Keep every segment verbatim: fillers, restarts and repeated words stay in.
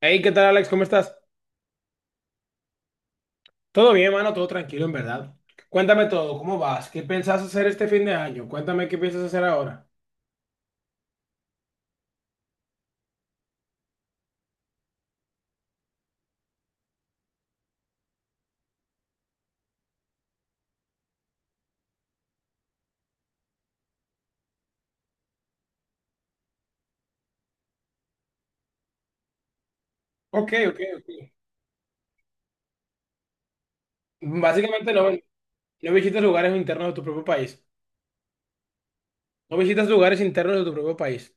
Hey, ¿qué tal, Alex? ¿Cómo estás? Todo bien, mano, todo tranquilo, en verdad. Cuéntame todo, ¿cómo vas? ¿Qué pensás hacer este fin de año? Cuéntame qué piensas hacer ahora. Ok, ok, ok. Básicamente no, no visitas lugares internos de tu propio país. No visitas lugares internos de tu propio país.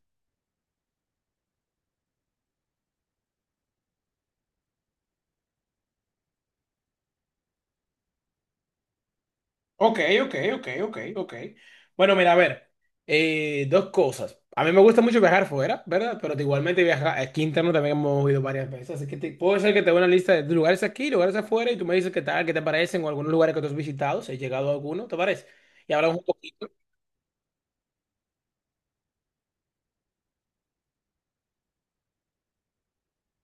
Ok, ok, ok, ok, ok. Bueno, mira, a ver, eh, dos cosas. A mí me gusta mucho viajar fuera, ¿verdad? Pero igualmente viajar aquí interno también hemos ido varias veces. Así que te- puedo ser que te dé una lista de lugares aquí, lugares afuera, y tú me dices qué tal, qué te parecen, o algunos lugares que tú has visitado, si has llegado a alguno, ¿te parece? Y hablamos un poquito.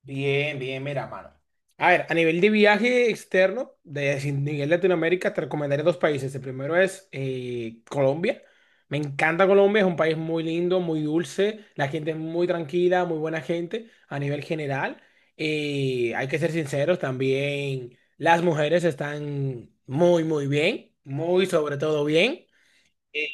Bien, bien, mira, mano. A ver, a nivel de viaje externo, de si- nivel Latinoamérica, te recomendaré dos países. El primero es eh, Colombia. Me encanta Colombia, es un país muy lindo, muy dulce. La gente es muy tranquila, muy buena gente a nivel general. Eh, hay que ser sinceros, también las mujeres están muy, muy bien, muy sobre todo bien. Eh,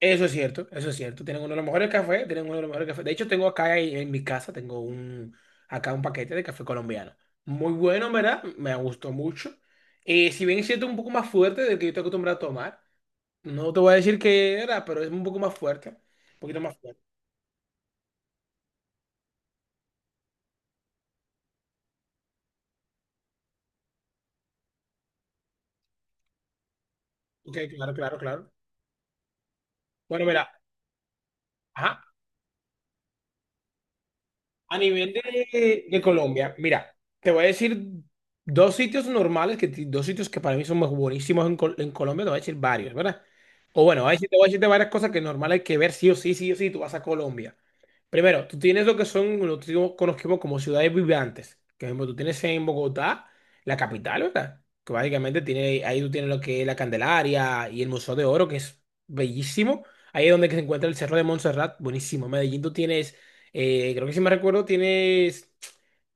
Eso es cierto, eso es cierto. Tienen uno de los mejores cafés, tienen uno de los mejores cafés. De hecho, tengo acá en en mi casa, tengo un, acá un paquete de café colombiano. Muy bueno, ¿verdad? Me gustó mucho. Eh, si bien es cierto, un poco más fuerte del que yo estoy acostumbrado a tomar. No te voy a decir que era, pero es un poco más fuerte. Un poquito más fuerte. Ok, claro, claro, claro. Bueno, mira. Ajá. A nivel de, de Colombia, mira, te voy a decir dos sitios normales, que, dos sitios que para mí son más buenísimos en, Col- en Colombia, te voy a decir varios, ¿verdad? O bueno, ahí sí te voy a decir de varias cosas que normal hay que ver sí o sí, sí o sí, tú vas a Colombia. Primero, tú tienes lo que son, lo que conocemos como ciudades vibrantes. Que, Por ejemplo, tú tienes en Bogotá, la capital, ¿verdad? Que básicamente tiene, ahí tú tienes lo que es la Candelaria y el Museo de Oro, que es bellísimo. Ahí es donde que se encuentra el Cerro de Montserrat, buenísimo. En Medellín tú tienes, eh, creo que si me recuerdo, tienes,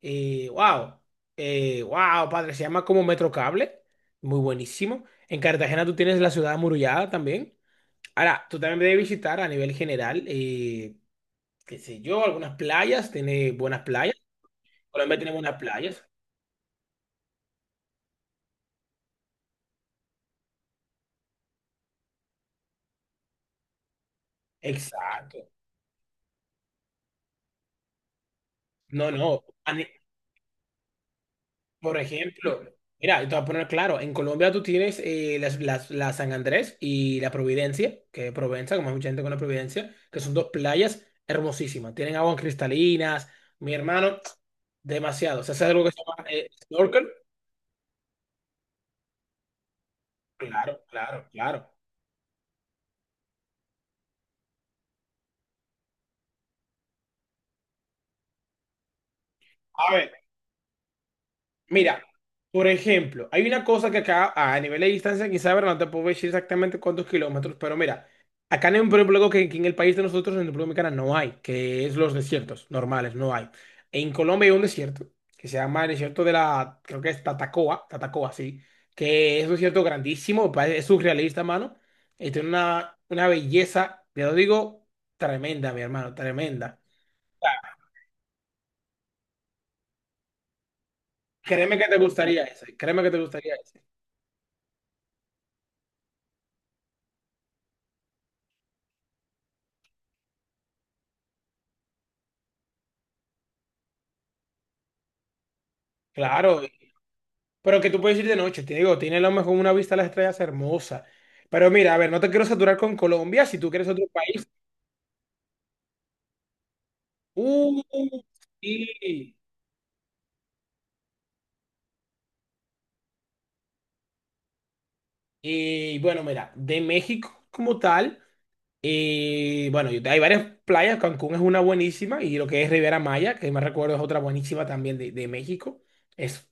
eh, wow, eh, wow, padre, se llama como Metrocable, muy buenísimo. En Cartagena tú tienes la ciudad amurallada también. Ahora, tú también debes visitar a nivel general. Eh, qué sé yo, algunas playas, tiene buenas playas. Colombia tiene buenas playas. Exacto. No, no. A ni- Por ejemplo, mira, te voy a poner claro, en Colombia tú tienes eh, las, las- la San Andrés y la Providencia, que es Provenza, como hay mucha gente con la Providencia, que son dos playas hermosísimas. Tienen aguas cristalinas. Mi hermano, demasiado. O sea, ¿sabes algo que se llama eh, snorkel? Claro, claro, claro. A ver, mira, por ejemplo, hay una cosa que acá a nivel de distancia, quizá ahora no te puedo decir exactamente cuántos kilómetros, pero mira, acá en un problema que, que en el país de nosotros, en República Dominicana, no hay, que es los desiertos normales, no hay. En Colombia hay un desierto que se llama el desierto de la, creo que es Tatacoa, Tatacoa, sí, que es un desierto grandísimo, pa- es surrealista, mano, y tiene una, una belleza, ya lo digo, tremenda, mi hermano, tremenda. Créeme que te gustaría ese, créeme que te gustaría ese. Claro, pero que tú puedes ir de noche, te digo, tiene a lo mejor una vista a las estrellas hermosa. Pero mira, a ver, no te quiero saturar con Colombia, si tú quieres otro país. Uh, sí. Y bueno, mira, de México como tal. Y bueno, yo- hay varias playas, Cancún es una buenísima y lo que es Riviera Maya, que me recuerdo es otra buenísima también de, de México. Es,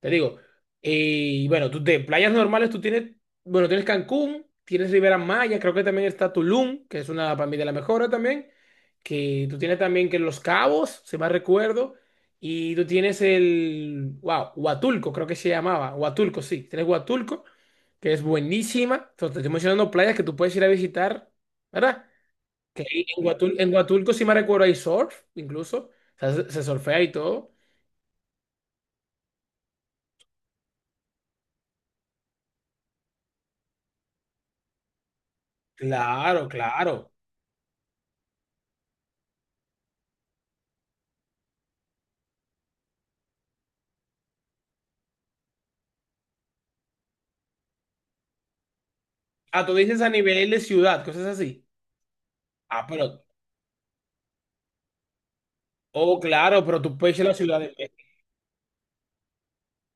te digo, y bueno, tú de playas normales tú tienes, bueno, tienes Cancún, tienes Riviera Maya, creo que también está Tulum, que es una para mí de las mejores también, que tú tienes también que Los Cabos, si mal recuerdo, y tú tienes el, wow, Huatulco, creo que se llamaba, Huatulco, sí, tienes Huatulco que es buenísima. Entonces, te estoy mencionando playas que tú puedes ir a visitar, ¿verdad? Que ahí en Huatul- en Huatulco, si me recuerdo, hay surf, incluso. O sea, se, se surfea y todo. Claro, claro. Ah, tú dices a nivel de ciudad, cosas así. Ah, pero, oh, claro, pero tú puedes ir a la Ciudad de México.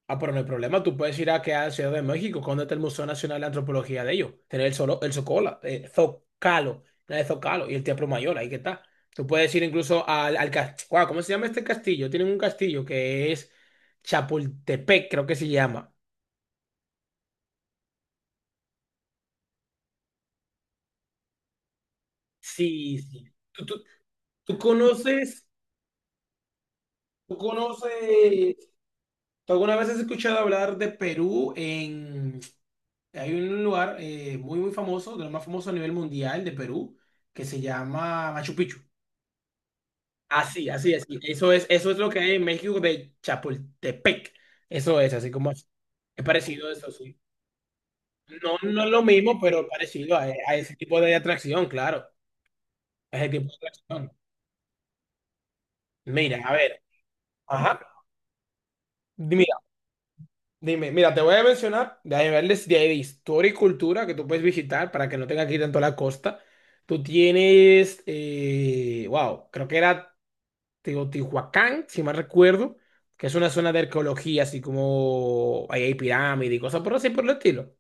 Ah, pero no hay problema, tú puedes ir a, que a la Ciudad de México, cuando está el Museo Nacional de Antropología de ellos. Tener el, solo, el Zocola, eh, Zocalo, no, el Zocalo y el Teatro Mayor, ahí que está. Tú puedes ir incluso al, al castillo. ¿Cómo se llama este castillo? Tienen un castillo que es Chapultepec, creo que se llama. Sí, sí. ¿Tú, tú, tú conoces, tú conoces, tú alguna vez has escuchado hablar de Perú en, hay un lugar eh, muy, muy famoso, de los más famosos a nivel mundial de Perú, que se llama Machu Picchu. Así, así, así. Eso es, eso es lo que hay en México de Chapultepec. Eso es, así como es. Es parecido a eso, sí. No, no es lo mismo, pero parecido a, a ese tipo de atracción, claro. A ese tipo de atracción. Mira, a ver. Ajá. Dime, mira, te voy a mencionar de niveles de ahí de historia y cultura que tú puedes visitar para que no tengas que ir tanto a la costa. Tú tienes, eh, wow, creo que era Teotihuacán, si mal recuerdo, que es una zona de arqueología, así como ahí hay pirámides y cosas por así por el estilo.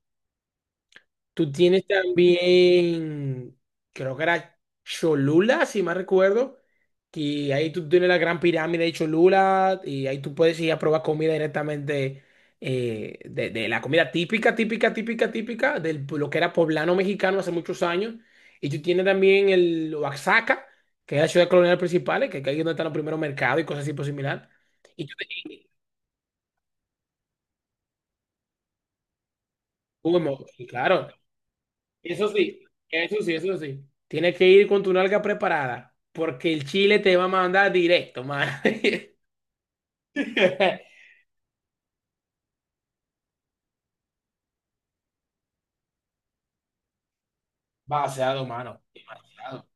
Tú tienes también, creo que era Cholula, si mal recuerdo, que ahí tú tienes la gran pirámide de Cholula y ahí tú puedes ir a probar comida directamente eh, de, de la comida típica, típica, típica, típica de lo que era poblano mexicano hace muchos años. Y tú tienes también el Oaxaca, que es la ciudad colonial principal, que, que ahí es donde están los primeros mercados y cosas así por similar. Y tú, y- y- bueno, y claro, eso sí, eso sí, eso sí. Tienes que ir con tu nalga preparada, porque el chile te va a mandar directo, mano. Vaciado, mano. Demasiado.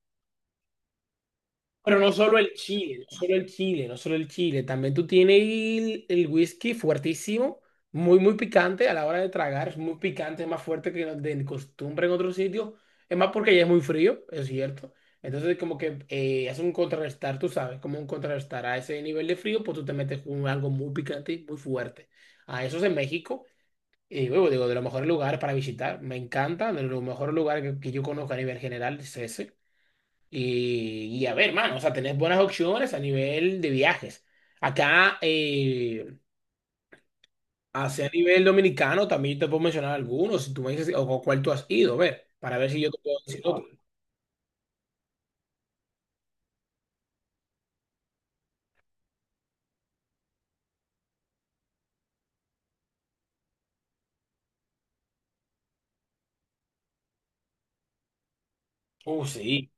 Pero no solo el chile, no solo el chile, no solo el chile. También tú tienes el, el whisky fuertísimo, muy, muy picante a la hora de tragar. Es muy picante, es más fuerte que de costumbre en otros sitios. Es más porque ya es muy frío, es cierto. Entonces, como que eh, hace un contrarrestar, tú sabes, como un contrarrestar a ese nivel de frío, pues tú te metes con algo muy picante y muy fuerte. A eso es en México. Y luego digo, de los mejores lugares para visitar. Me encanta, de los mejores lugares que, que yo conozco a nivel general es ese. Y, y a ver, mano, o sea, tenés buenas opciones a nivel de viajes. Acá, eh, hacia nivel dominicano, también te puedo mencionar algunos, si tú me dices, o con cuál tú has ido, a ver, para ver si yo te puedo decir otro. Uh, sí.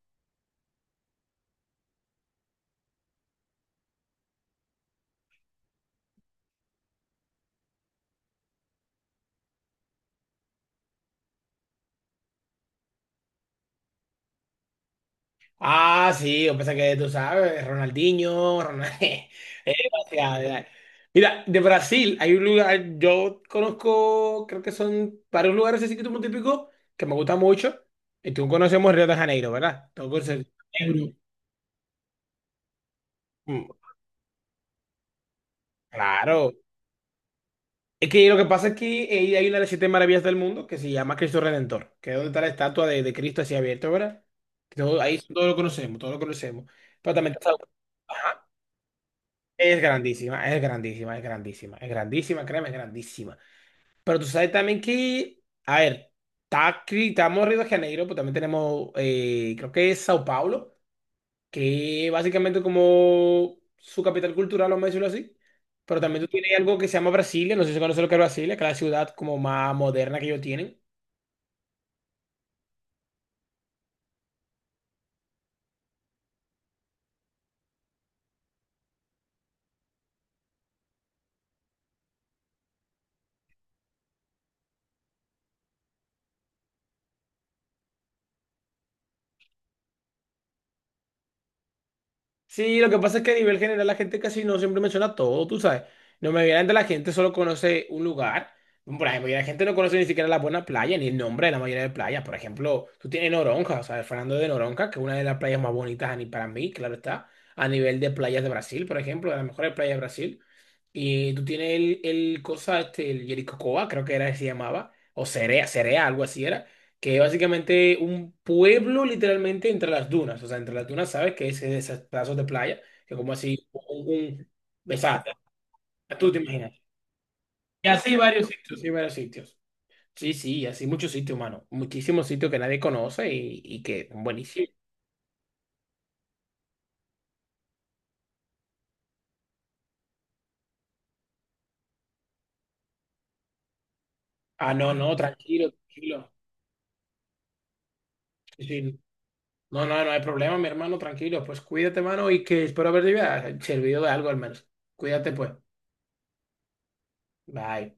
Ah, sí, yo pensé que tú sabes, Ronaldinho, Ronald... Eh, o sea, ya. Mira, de Brasil hay un lugar, yo conozco, creo que son varios lugares así que tú típicos que me gustan mucho. Y tú conocemos Río de Janeiro, ¿verdad? Tú conoces Euro. Claro. Es que lo que pasa es que eh, hay una de las siete maravillas del mundo que se llama Cristo Redentor, que es donde está la estatua de, de Cristo así abierto, ¿verdad? Todo, ahí todo lo conocemos, todo lo conocemos. Pero también está- ajá, es grandísima, es grandísima, es grandísima, es grandísima, créeme, es grandísima. Pero tú sabes también que, a ver, está, aquí- estamos en Río de Janeiro, pues también tenemos, eh, creo que es Sao Paulo, que básicamente como su capital cultural, vamos a decirlo así. Pero también tú tienes algo que se llama Brasilia, no sé si conoces lo que es Brasilia, que es la ciudad como más moderna que ellos tienen. Sí, lo que pasa es que a nivel general la gente casi no siempre menciona todo, tú sabes. No me de la gente solo conoce un lugar. Por ejemplo, y la gente no conoce ni siquiera la buena playa, ni el nombre de la mayoría de playas. Por ejemplo, tú tienes Noronha, o sea, el Fernando de Noronha, que es una de las playas más bonitas a ni- para mí, claro está, a nivel de playas de Brasil, por ejemplo, de las mejores playas de Brasil. Y tú tienes el, el cosa, este, el Jericocoa, creo que era que se llamaba, o Cerea, Cerea, algo así era, que es básicamente un pueblo literalmente entre las dunas. O sea, entre las dunas, ¿sabes? Que es esos pedazos de playa, que como así, un, un exacto, tú te imaginas. Y así varios sitios, sí, varios sitios. Sí, sí, así muchos sitios, mano. Muchísimos sitios que nadie conoce y, y que buenísimo. Ah, no, no, tranquilo, tranquilo. Sí, sí. No, no, no hay problema, mi hermano, tranquilo. Pues cuídate, mano, y que espero haber servido de algo al menos. Cuídate, pues. Bye.